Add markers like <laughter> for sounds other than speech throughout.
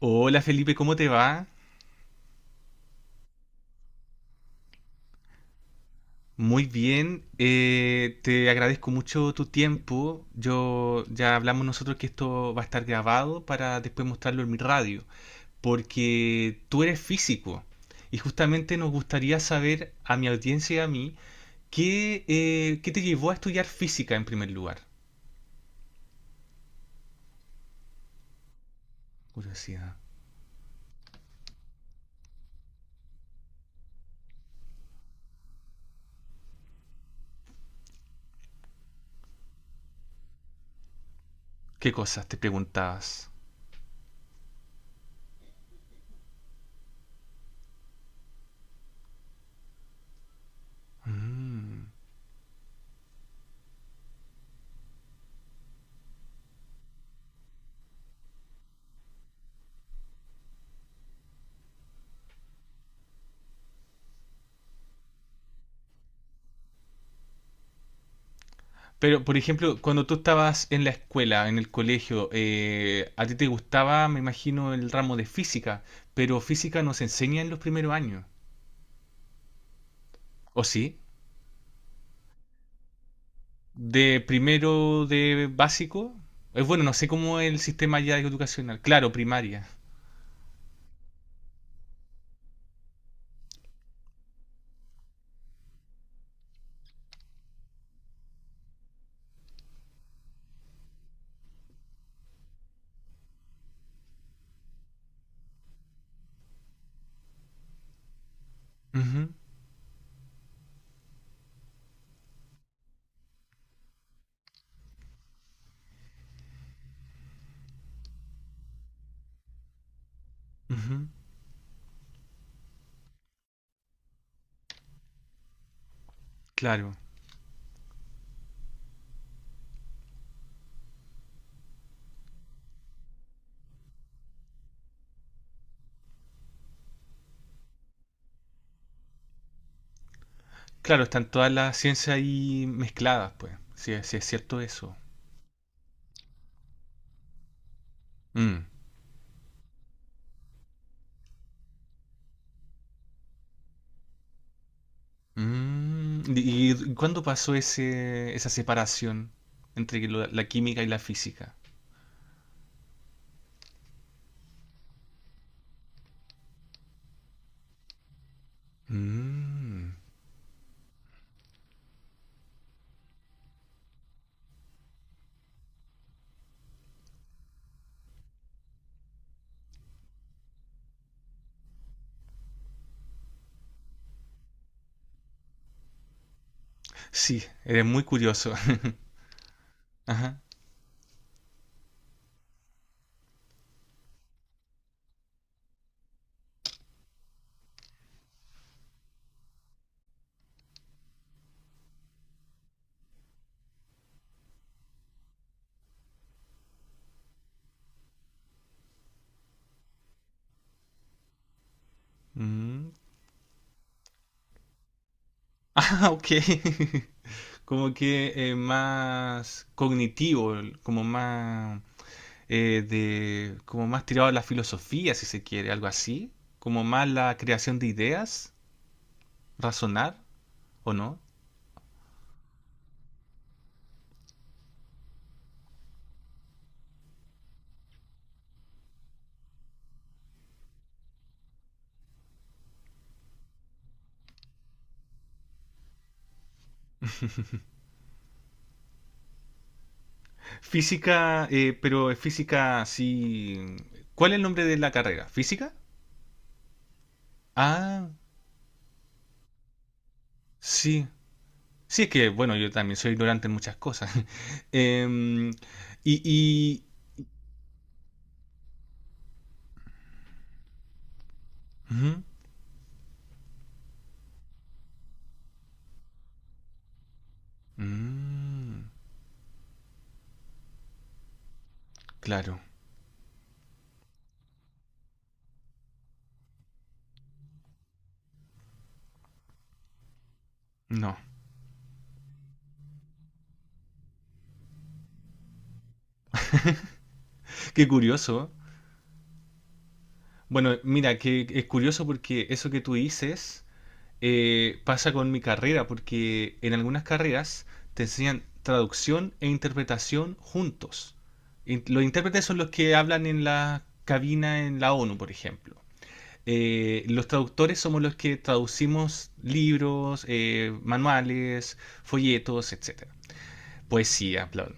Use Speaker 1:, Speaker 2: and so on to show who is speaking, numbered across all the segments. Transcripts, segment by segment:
Speaker 1: Hola Felipe, ¿cómo te va? Muy bien, te agradezco mucho tu tiempo. Yo ya hablamos nosotros que esto va a estar grabado para después mostrarlo en mi radio, porque tú eres físico y justamente nos gustaría saber a mi audiencia y a mí qué te llevó a estudiar física en primer lugar. Curiosidad. ¿Qué cosas te preguntabas? Mm. Pero, por ejemplo, cuando tú estabas en la escuela, en el colegio, a ti te gustaba, me imagino, el ramo de física, pero física no se enseña en los primeros años, ¿o sí? De primero de básico, es bueno, no sé cómo es el sistema ya educacional, claro, primaria. Ujú, ujú, claro, claro, están todas las ciencias ahí mezcladas, pues, si, es, si es cierto eso. Mm, mm. Y cuándo pasó ese, esa separación entre la química y la física? Mm, sí, eres muy curioso. <laughs> Ajá. Mm. Ah, ok. <laughs> Como que más cognitivo, como más de, como más tirado a la filosofía, si se quiere, algo así. Como más la creación de ideas, razonar, ¿o no? Física, pero es física, sí. ¿Cuál es el nombre de la carrera? ¿Física? Ah, sí. Sí, es que, bueno, yo también soy ignorante en muchas cosas. <laughs> Em, y, y- Ujú. Mm, claro, no. Qué curioso. Bueno, mira, que es curioso porque eso que tú dices pasa con mi carrera, porque en algunas carreras te enseñan traducción e interpretación juntos. Los intérpretes son los que hablan en la cabina en la ONU, por ejemplo. Eh, los traductores somos los que traducimos libros, manuales, folletos, etcétera. Poesía, bla, bla.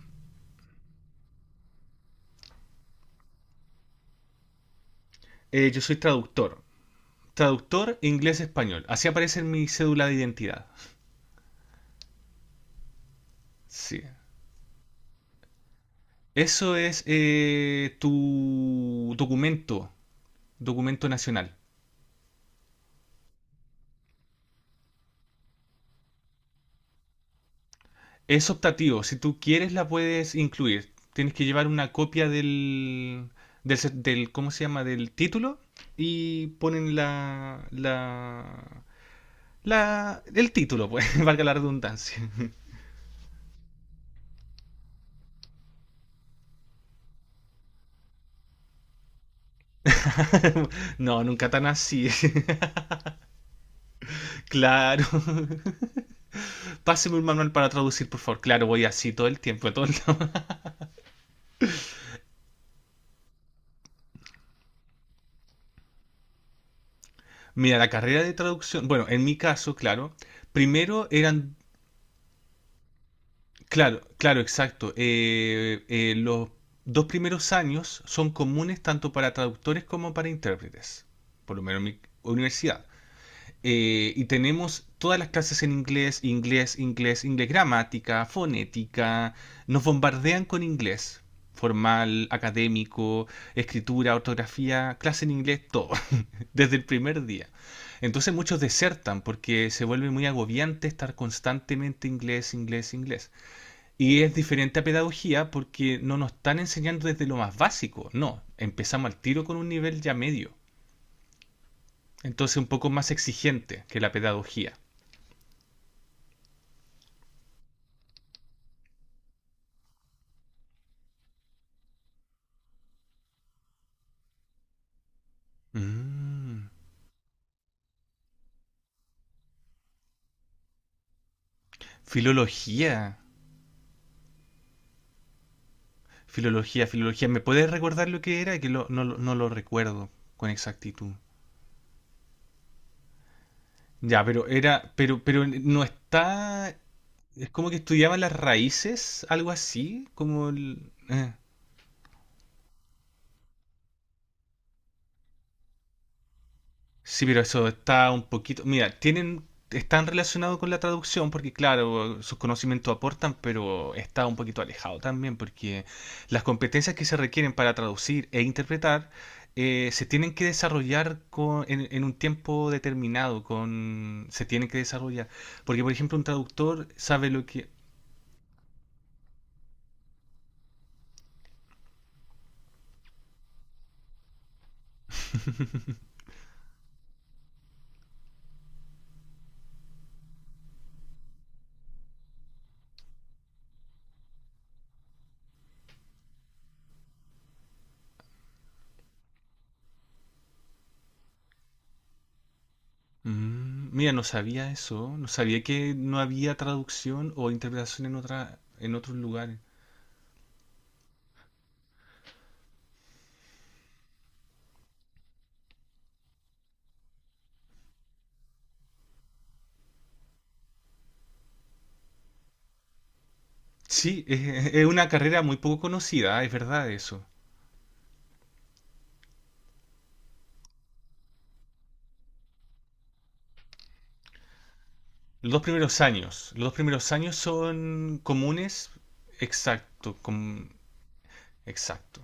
Speaker 1: Yo soy traductor. Traductor inglés-español. Así aparece en mi cédula de identidad. Sí. Eso es tu documento, documento nacional. Es optativo. Si tú quieres la puedes incluir. Tienes que llevar una copia del ¿cómo se llama? Del título y ponen el título, pues, <laughs> valga la redundancia. <laughs> No, nunca tan así. <laughs> Claro. <laughs> Páseme un manual para traducir, por favor. Claro, voy así todo el tiempo. Todo el tiempo. <laughs> Mira, la carrera de traducción. Bueno, en mi caso, claro. Primero eran. Claro, claro, exacto. Los dos primeros años son comunes tanto para traductores como para intérpretes. Por lo menos en mi universidad. Eh, y tenemos todas las clases en inglés, inglés, inglés, inglés, gramática, fonética, nos bombardean con inglés, formal, académico, escritura, ortografía, clase en inglés, todo, <laughs> desde el primer día. Entonces muchos desertan porque se vuelve muy agobiante estar constantemente inglés, inglés, inglés. Y es diferente a pedagogía porque no nos están enseñando desde lo más básico, no, empezamos al tiro con un nivel ya medio. Entonces un poco más exigente que la pedagogía. Mm. Filología. Filología, filología. ¿Me puedes recordar lo que era? Que no, no lo recuerdo con exactitud. Ya, pero era, pero no está. Es como que estudiaban las raíces, algo así, como sí, pero eso está un poquito. Mira, tienen, están relacionados con la traducción porque, claro, sus conocimientos aportan, pero está un poquito alejado también porque las competencias que se requieren para traducir e interpretar se tienen que desarrollar en un tiempo determinado. Con, se tienen que desarrollar. Porque, por ejemplo, un traductor sabe lo que. Mm, mira, no sabía eso. No sabía que no había traducción o interpretación en otra, en otros lugares. Sí, es una carrera muy poco conocida, es verdad eso. Los dos primeros años. Los dos primeros años son comunes. Exacto, exacto.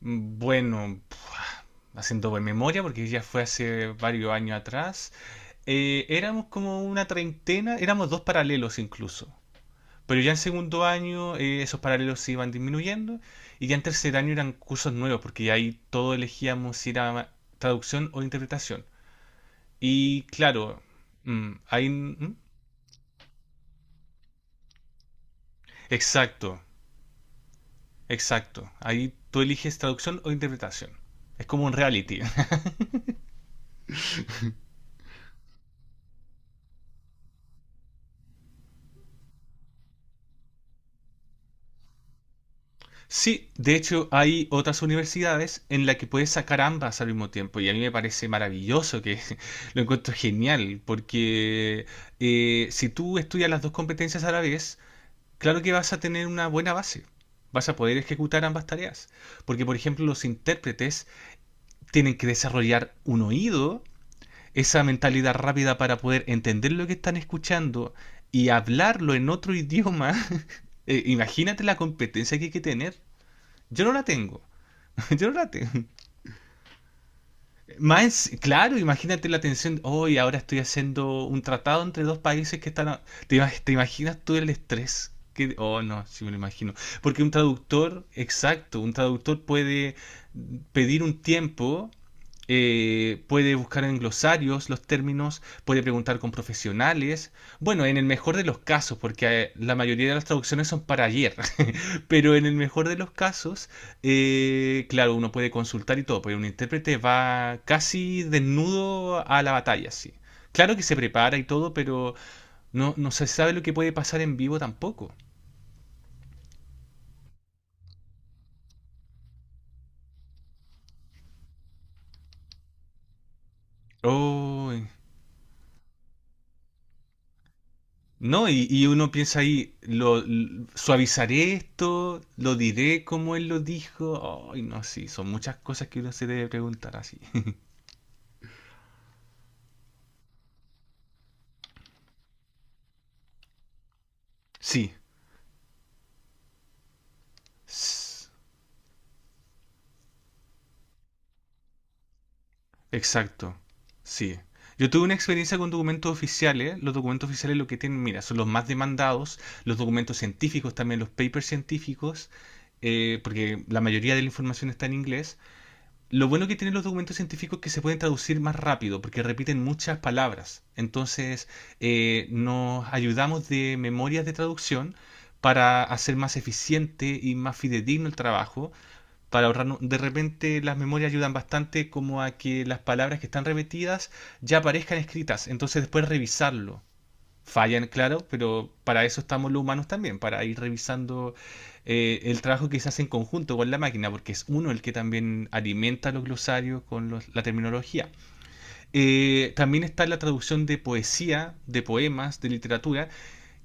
Speaker 1: Bueno, <tsk> haciendo buena memoria porque ya fue hace varios años atrás. Éramos como una treintena, éramos dos paralelos incluso. Pero ya en segundo año esos paralelos se iban disminuyendo y ya en tercer año eran cursos nuevos porque ya ahí todo elegíamos si era traducción o interpretación. Y claro, mm, ahí, mm, exacto, exacto. Ahí tú eliges traducción o interpretación. Es como un reality. <laughs> Sí, de hecho hay otras universidades en las que puedes sacar ambas al mismo tiempo y a mí me parece maravilloso que <laughs> lo encuentro genial porque si tú estudias las dos competencias a la vez, claro que vas a tener una buena base, vas a poder ejecutar ambas tareas porque por ejemplo los intérpretes tienen que desarrollar un oído, esa mentalidad rápida para poder entender lo que están escuchando y hablarlo en otro idioma. <laughs> Imagínate la competencia que hay que tener. Yo no la tengo. <laughs> Yo no la tengo. Más, claro, imagínate la tensión. Hoy ahora estoy haciendo un tratado entre dos países que están. ¿Te, te imaginas tú el estrés? Que, oh, no, sí me lo imagino. Porque un traductor, exacto, un traductor puede pedir un tiempo, puede buscar en glosarios los términos, puede preguntar con profesionales. Bueno, en el mejor de los casos, porque la mayoría de las traducciones son para ayer. <laughs> Pero en el mejor de los casos, claro, uno puede consultar y todo, pero un intérprete va casi desnudo a la batalla, sí. Claro que se prepara y todo, pero no, no se sabe lo que puede pasar en vivo tampoco. Oh, no, y uno piensa ahí, suavizaré esto, lo diré como él lo dijo. Ay, no, sí, son muchas cosas que uno se debe preguntar así. <laughs> Sí, exacto, sí. Yo tuve una experiencia con documentos oficiales. Los documentos oficiales lo que tienen, mira, son los más demandados, los documentos científicos también, los papers científicos, porque la mayoría de la información está en inglés. Lo bueno que tienen los documentos científicos es que se pueden traducir más rápido, porque repiten muchas palabras. Entonces, nos ayudamos de memorias de traducción para hacer más eficiente y más fidedigno el trabajo para ahorrar, ¿no? De repente las memorias ayudan bastante como a que las palabras que están repetidas ya aparezcan escritas, entonces después revisarlo. Fallan, claro, pero para eso estamos los humanos también, para ir revisando el trabajo que se hace en conjunto con la máquina, porque es uno el que también alimenta los glosarios con la terminología. También está la traducción de poesía, de poemas, de literatura,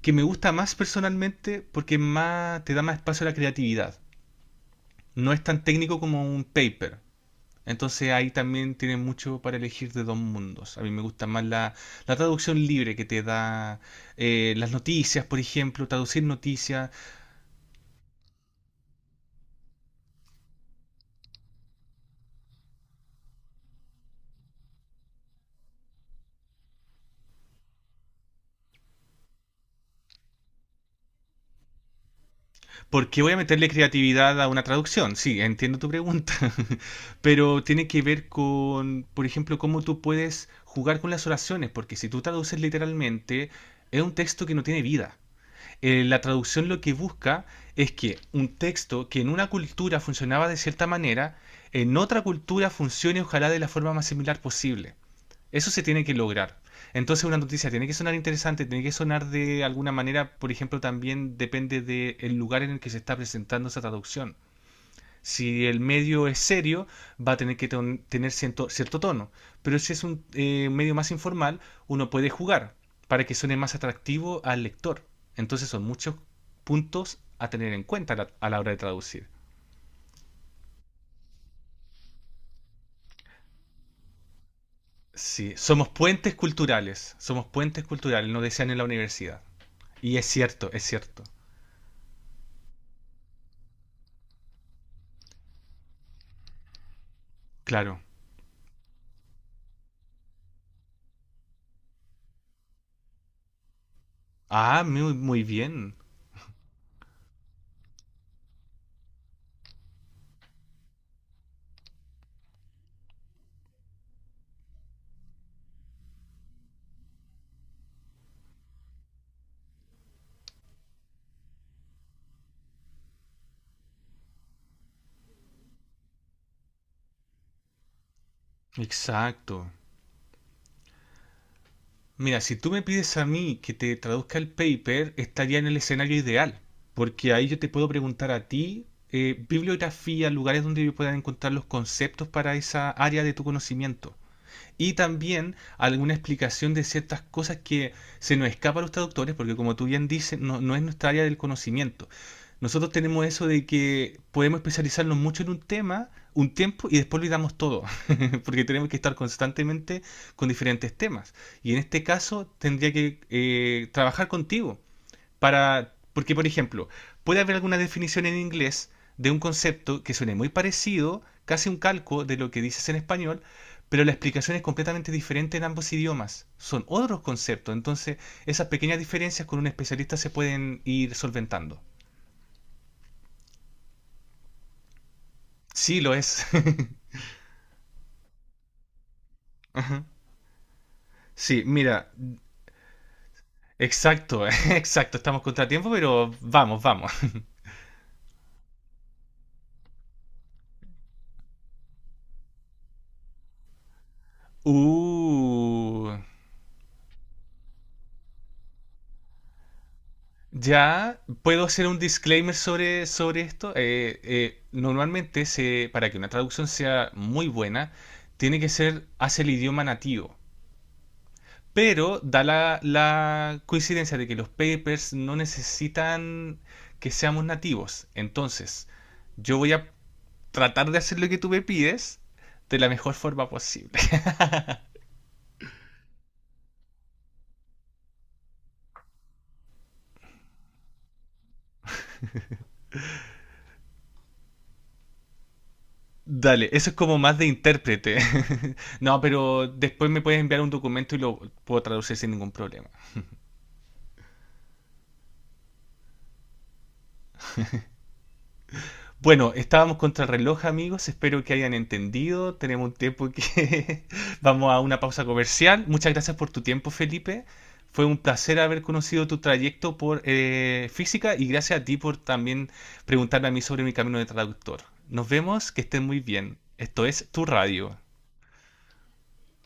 Speaker 1: que me gusta más personalmente porque más, te da más espacio a la creatividad. No es tan técnico como un paper, entonces ahí también tienes mucho para elegir de dos mundos. A mí me gusta más la traducción libre que te da las noticias, por ejemplo, traducir noticias, porque voy a meterle creatividad a una traducción. Sí, entiendo tu pregunta, <laughs> pero tiene que ver con, por ejemplo, cómo tú puedes jugar con las oraciones, porque si tú traduces literalmente, es un texto que no tiene vida. Eh, la traducción lo que busca es que un texto que en una cultura funcionaba de cierta manera, en otra cultura funcione ojalá de la forma más similar posible. Eso se tiene que lograr. Entonces una noticia tiene que sonar interesante, tiene que sonar de alguna manera, por ejemplo, también depende del lugar en el que se está presentando esa traducción. Si el medio es serio, va a tener que tener cierto tono. Pero si es un medio más informal, uno puede jugar para que suene más atractivo al lector. Entonces son muchos puntos a tener en cuenta a a la hora de traducir. Sí, somos puentes culturales. Somos puentes culturales, nos decían en la universidad. Y es cierto, es cierto. Claro. Ah, muy, muy bien. Exacto. Mira, si tú me pides a mí que te traduzca el paper, estaría en el escenario ideal, porque ahí yo te puedo preguntar a ti bibliografía, lugares donde yo pueda encontrar los conceptos para esa área de tu conocimiento y también alguna explicación de ciertas cosas que se nos escapa a los traductores, porque como tú bien dices, no, no es nuestra área del conocimiento. Nosotros tenemos eso de que podemos especializarnos mucho en un tema, un tiempo, y después olvidamos todo, <laughs> porque tenemos que estar constantemente con diferentes temas. Y en este caso tendría que trabajar contigo para. Porque, por ejemplo, puede haber alguna definición en inglés de un concepto que suene muy parecido, casi un calco de lo que dices en español, pero la explicación es completamente diferente en ambos idiomas. Son otros conceptos, entonces esas pequeñas diferencias con un especialista se pueden ir solventando. Sí, lo es. <laughs> Ajá. Sí, mira, exacto, <laughs> exacto, estamos contratiempo, pero vamos, vamos. Uh, Ya, ¿puedo hacer un disclaimer sobre, sobre esto? Normalmente, se, para que una traducción sea muy buena, tiene que ser hace el idioma nativo. Pero da la coincidencia de que los papers no necesitan que seamos nativos. Entonces, yo voy a tratar de hacer lo que tú me pides de la mejor forma posible. <laughs> Dale, eso es como más de intérprete. <laughs> No, pero después me puedes enviar un documento y lo puedo traducir sin ningún problema. Bueno, estábamos contra el reloj, amigos. Espero que hayan entendido. Tenemos un tiempo que <laughs> vamos a una pausa comercial. Muchas gracias por tu tiempo, Felipe. Fue un placer haber conocido tu trayecto por física y gracias a ti por también preguntarme a mí sobre mi camino de traductor. Nos vemos, que estén muy bien. Esto es Tu Radio.